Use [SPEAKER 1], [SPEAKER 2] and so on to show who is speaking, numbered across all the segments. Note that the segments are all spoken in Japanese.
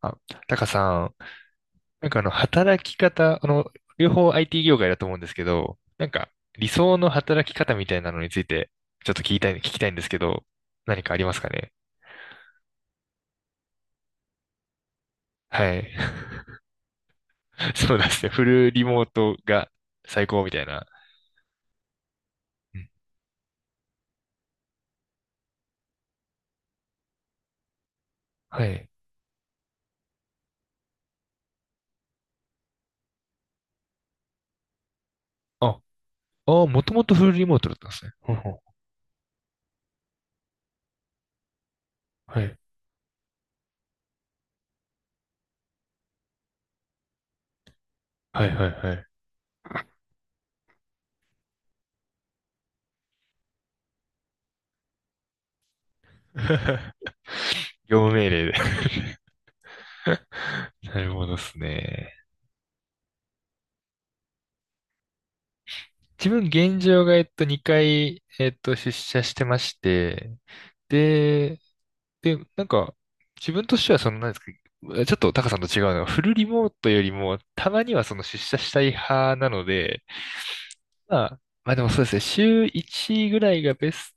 [SPEAKER 1] あ、タカさん、働き方、両方 IT 業界だと思うんですけど、理想の働き方みたいなのについて、ちょっと聞きたいんですけど、何かありますかね。はい。そうですね。フルリモートが最高みたいな。うん、はい。あ、もともとフルリモートだったんですね。ほんほんはい。はいはいはい。業務命令で。なるほどですね。自分現状が、2回、出社してまして、で、で、なんか、自分としてはその、なんですか、ちょっとタカさんと違うのは、フルリモートよりも、たまにはその出社したい派なので、まあでもそうですね、週1ぐらいがベスト、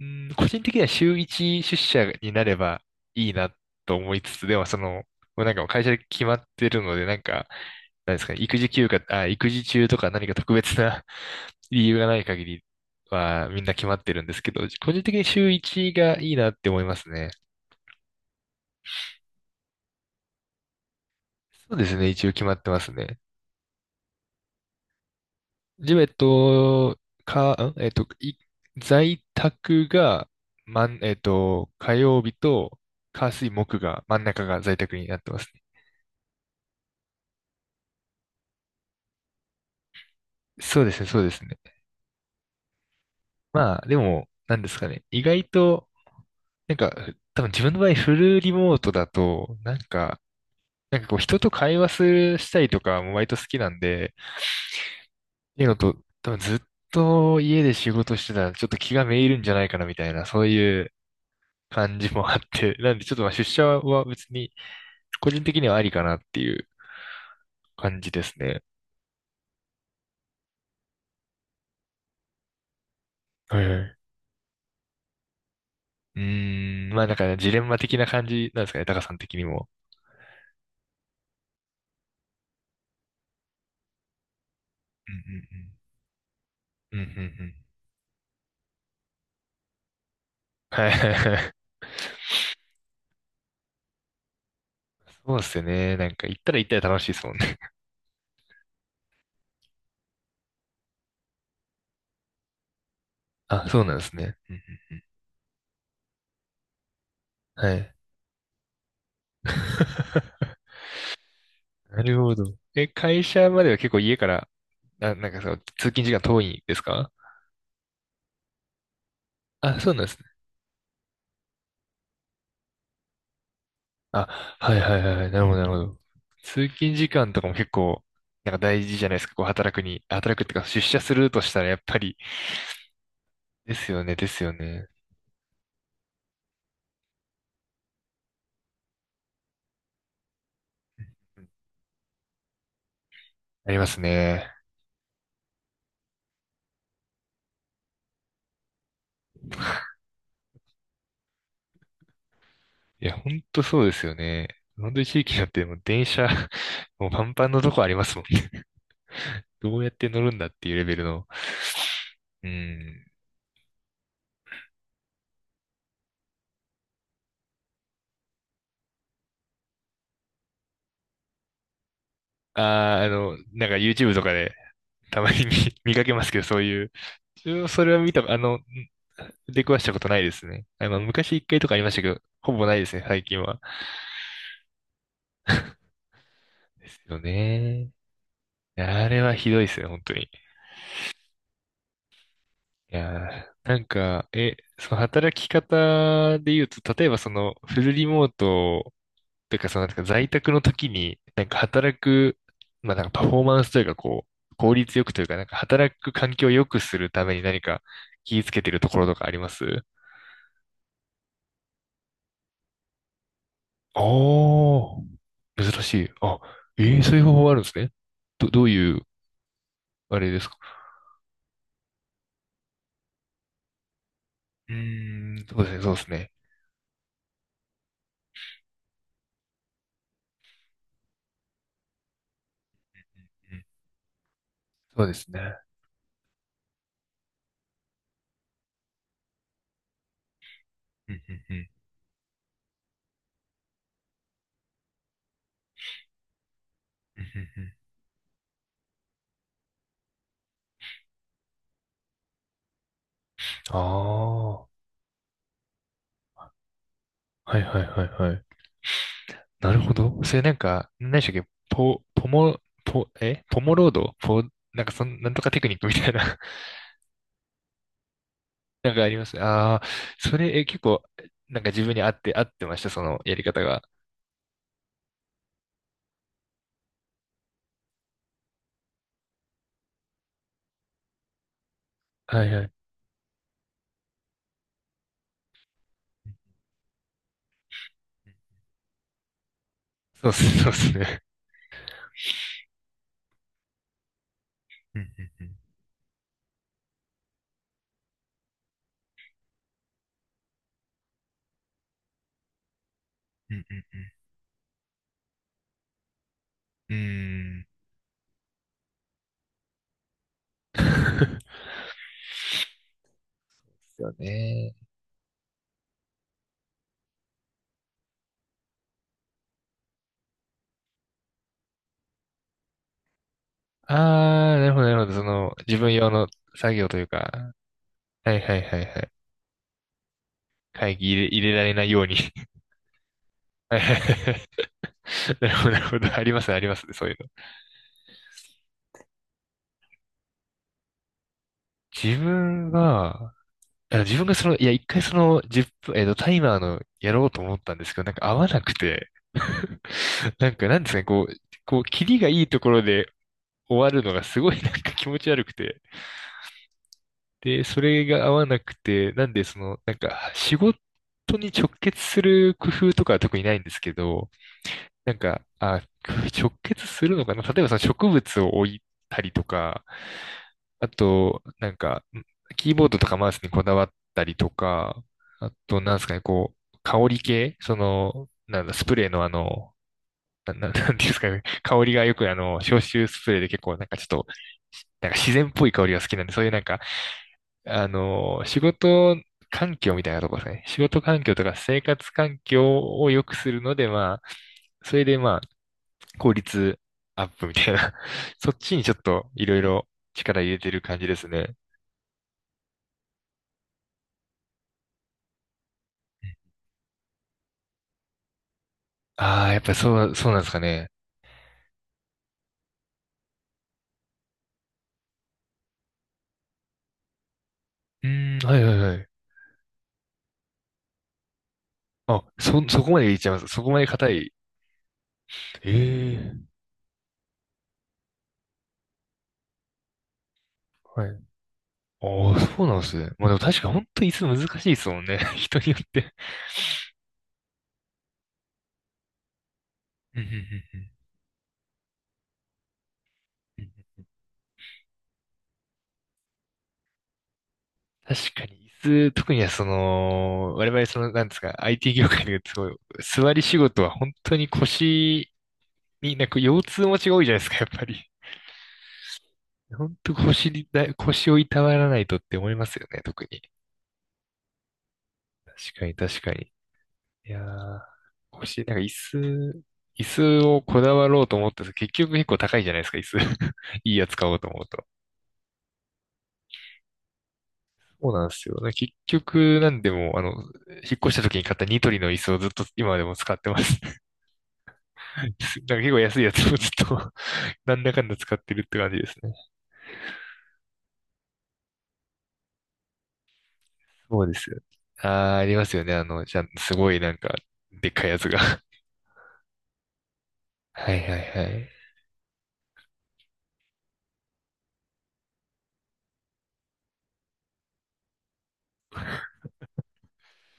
[SPEAKER 1] うん、個人的には週1出社になればいいなと思いつつ、でもその、もうなんかもう会社で決まってるので、なんか、なんですかね、育児休暇、あ、育児中とか何か特別な 理由がない限りはみんな決まってるんですけど、個人的に週1がいいなって思いますね。そうですね、一応決まってますね。ジム、えっと、か、んえっと、い、在宅が、まん、えっと、火曜日と、火水木が、真ん中が在宅になってますね。そうですね、そうですね。まあ、でも、なんですかね。意外と、なんか、多分自分の場合、フルリモートだと、なんか、なんかこう、人と会話する、したりとかも割と好きなんで、っていうのと、多分ずっと家で仕事してたら、ちょっと気がめいるんじゃないかな、みたいな、そういう、感じもあって、なんでちょっとまあ出社は別に個人的にはありかなっていう感じですね。はいはい。うーん、まあなんかねジレンマ的な感じなんですかね、タカさん的にも。うんうんうん。うんうんうん。はいはいはい。そうですよね。なんか行ったら楽しいですもんね。あ、そうなんですね。うんうん、はい。なるほど。え、会社までは結構家から、なんかそう、通勤時間遠いんですか。あ、そうなんですね。あ、はいはいはいはい。なるほど、なるほど。通勤時間とかも結構、なんか大事じゃないですか。こう働くっていうか出社するとしたらやっぱり、ですよね、ですよね。ありますね。いや、ほんとそうですよね。本当に地域によってもう電車、もうパンパンのとこありますもんね。どうやって乗るんだっていうレベルの。うん。ああ、あの、なんか YouTube とかで、たまに見、見かけますけど、そういう。自分はそれは見た、あの、ん出くわしたことないですね。あ、まあ、昔一回とかありましたけど、ほぼないですね、最近は。ですよね。あれはひどいですね、本当に。いやー、なんか、え、その働き方で言うと、例えばそのフルリモートというか、そのなんか在宅の時に、なんか働く、まあなんかパフォーマンスというか、こう、効率よくというか、なんか働く環境を良くするために何か気をつけてるところとかあります。ああ、珍しい。あ、ええ、そういう方法があるんですね。どういう、あれですか。うーん、そうですね、そうですね。うん、そうですね。うんうんうん、うんうんうん、ああ、はいはいはいはい。なるほど。それなんか、何でしたっけ、ポモロードポ、なんかそん、なんとかテクニックみたいな。 なんかありますね。ああ、それ、え、結構、なんか自分に合ってました、そのやり方が。はいはい。そうっす、そうですね。うんうんうん、うんうんうん、うーん。ですよね。ああ、なるほど、なるほど。その、自分用の作業というか、はいはいはいはい。会議入れ、入れられないように。はいはいはいはい、なるほど、なるほど。ありますね、ありますね、そういうの。自分が、自分がその、いや、一回その、1分、タイマーのやろうと思ったんですけど、なんか合わなくて、なんか、なんですかね、こう、こう、キリがいいところで終わるのがすごいなんか気持ち悪くて、で、それが合わなくて、なんでその、なんか仕事に直結する工夫とかは特にないんですけど、なんか、あ、直結するのかな、例えばその植物を置いたりとか、あと、なんか、キーボードとかマウスにこだわったりとか、あと、なんですかね、こう、香り系その、なんだ、スプレーのあの、なんていうんですかね、香りがよくあの、消臭スプレーで結構なんかちょっと、なんか自然っぽい香りが好きなんで、そういうなんか、あの、仕事環境みたいなとこですね。仕事環境とか生活環境を良くするので、まあ、それでまあ、効率アップみたいな、そっちにちょっといろいろ力入れてる感じですね。ああ、やっぱりそう、そうなんですかね。うーん、はいはいはい。あ、そこまで言っちゃいます。そこまで硬い。ええ、はい。ああ、そうなんですね。まあでも確か本当に椅子難しいですもんね。人によって。うんうんうんうん、確かに、椅子、特にはその、我々その、なんですか、IT 業界ですごい、座り仕事は本当に腰に、なんか腰痛持ちが多いじゃないですか、やっぱり。本当腰にだ、腰をいたわらないとって思いますよね、特に。確かに、確かに。いやー、腰、なんか椅子、椅子をこだわろうと思ったら結局結構高いじゃないですか、椅子。いいやつ買おうと思うと。そうなんですよね。結局、なんでも、あの、引っ越した時に買ったニトリの椅子をずっと今でも使ってます。だから結構安いやつをずっと なんだかんだ使ってるって感じですね。そうですよ。あー、ありますよね。あの、じゃあすごいなんか、でっかいやつが。はいはいはい。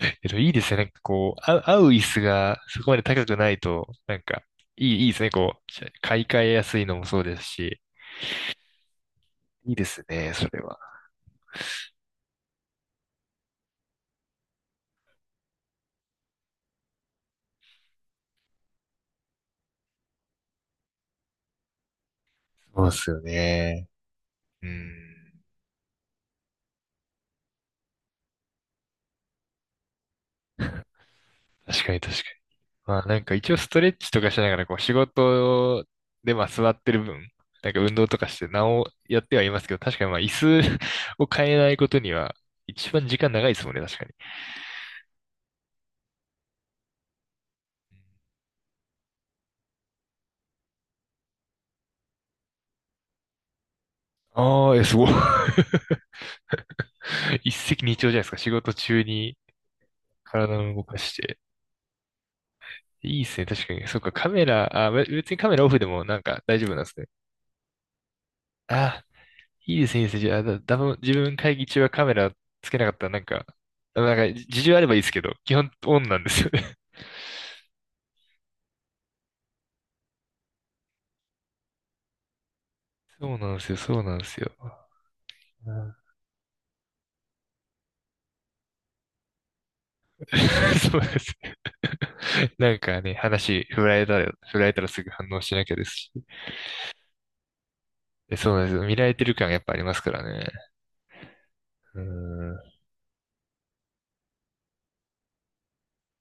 [SPEAKER 1] えっと、いいですね。なんかこう、あ、合う椅子がそこまで高くないと、なんか、いいですね。こう、買い替えやすいのもそうですし。いいですね、それは。そうですよね。うん。確かに確かに。まあなんか一応ストレッチとかしながらこう仕事でまあ座ってる分、なんか運動とかしてなおやってはいますけど、確かにまあ椅子 を変えないことには一番時間長いですもんね、確かに。ああ、え、すごい。一石二鳥じゃないですか。仕事中に体を動かして。いいですね、確かに。そっか、カメラ、あ、別にカメラオフでもなんか大丈夫なんですね。あ、いいですね、いいですね。じゃあ、だ、だぶ自分会議中はカメラつけなかったらなんか、なんか事情あればいいですけど、基本オンなんですよね。そうなんですよ、そうなんですよ。うん。 そうですね。なんかね、話振られたら、振られたらすぐ反応しなきゃですし。えそうなんですよ。見られてる感がやっぱありますからね。うん。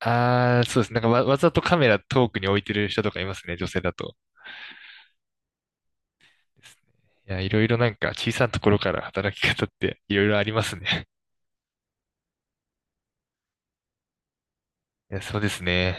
[SPEAKER 1] ああ、そうです。わざとカメラ遠くに置いてる人とかいますね、女性だと。ですね。いや、いろいろなんか小さなところから働き方っていろいろありますね。いや、そうですね。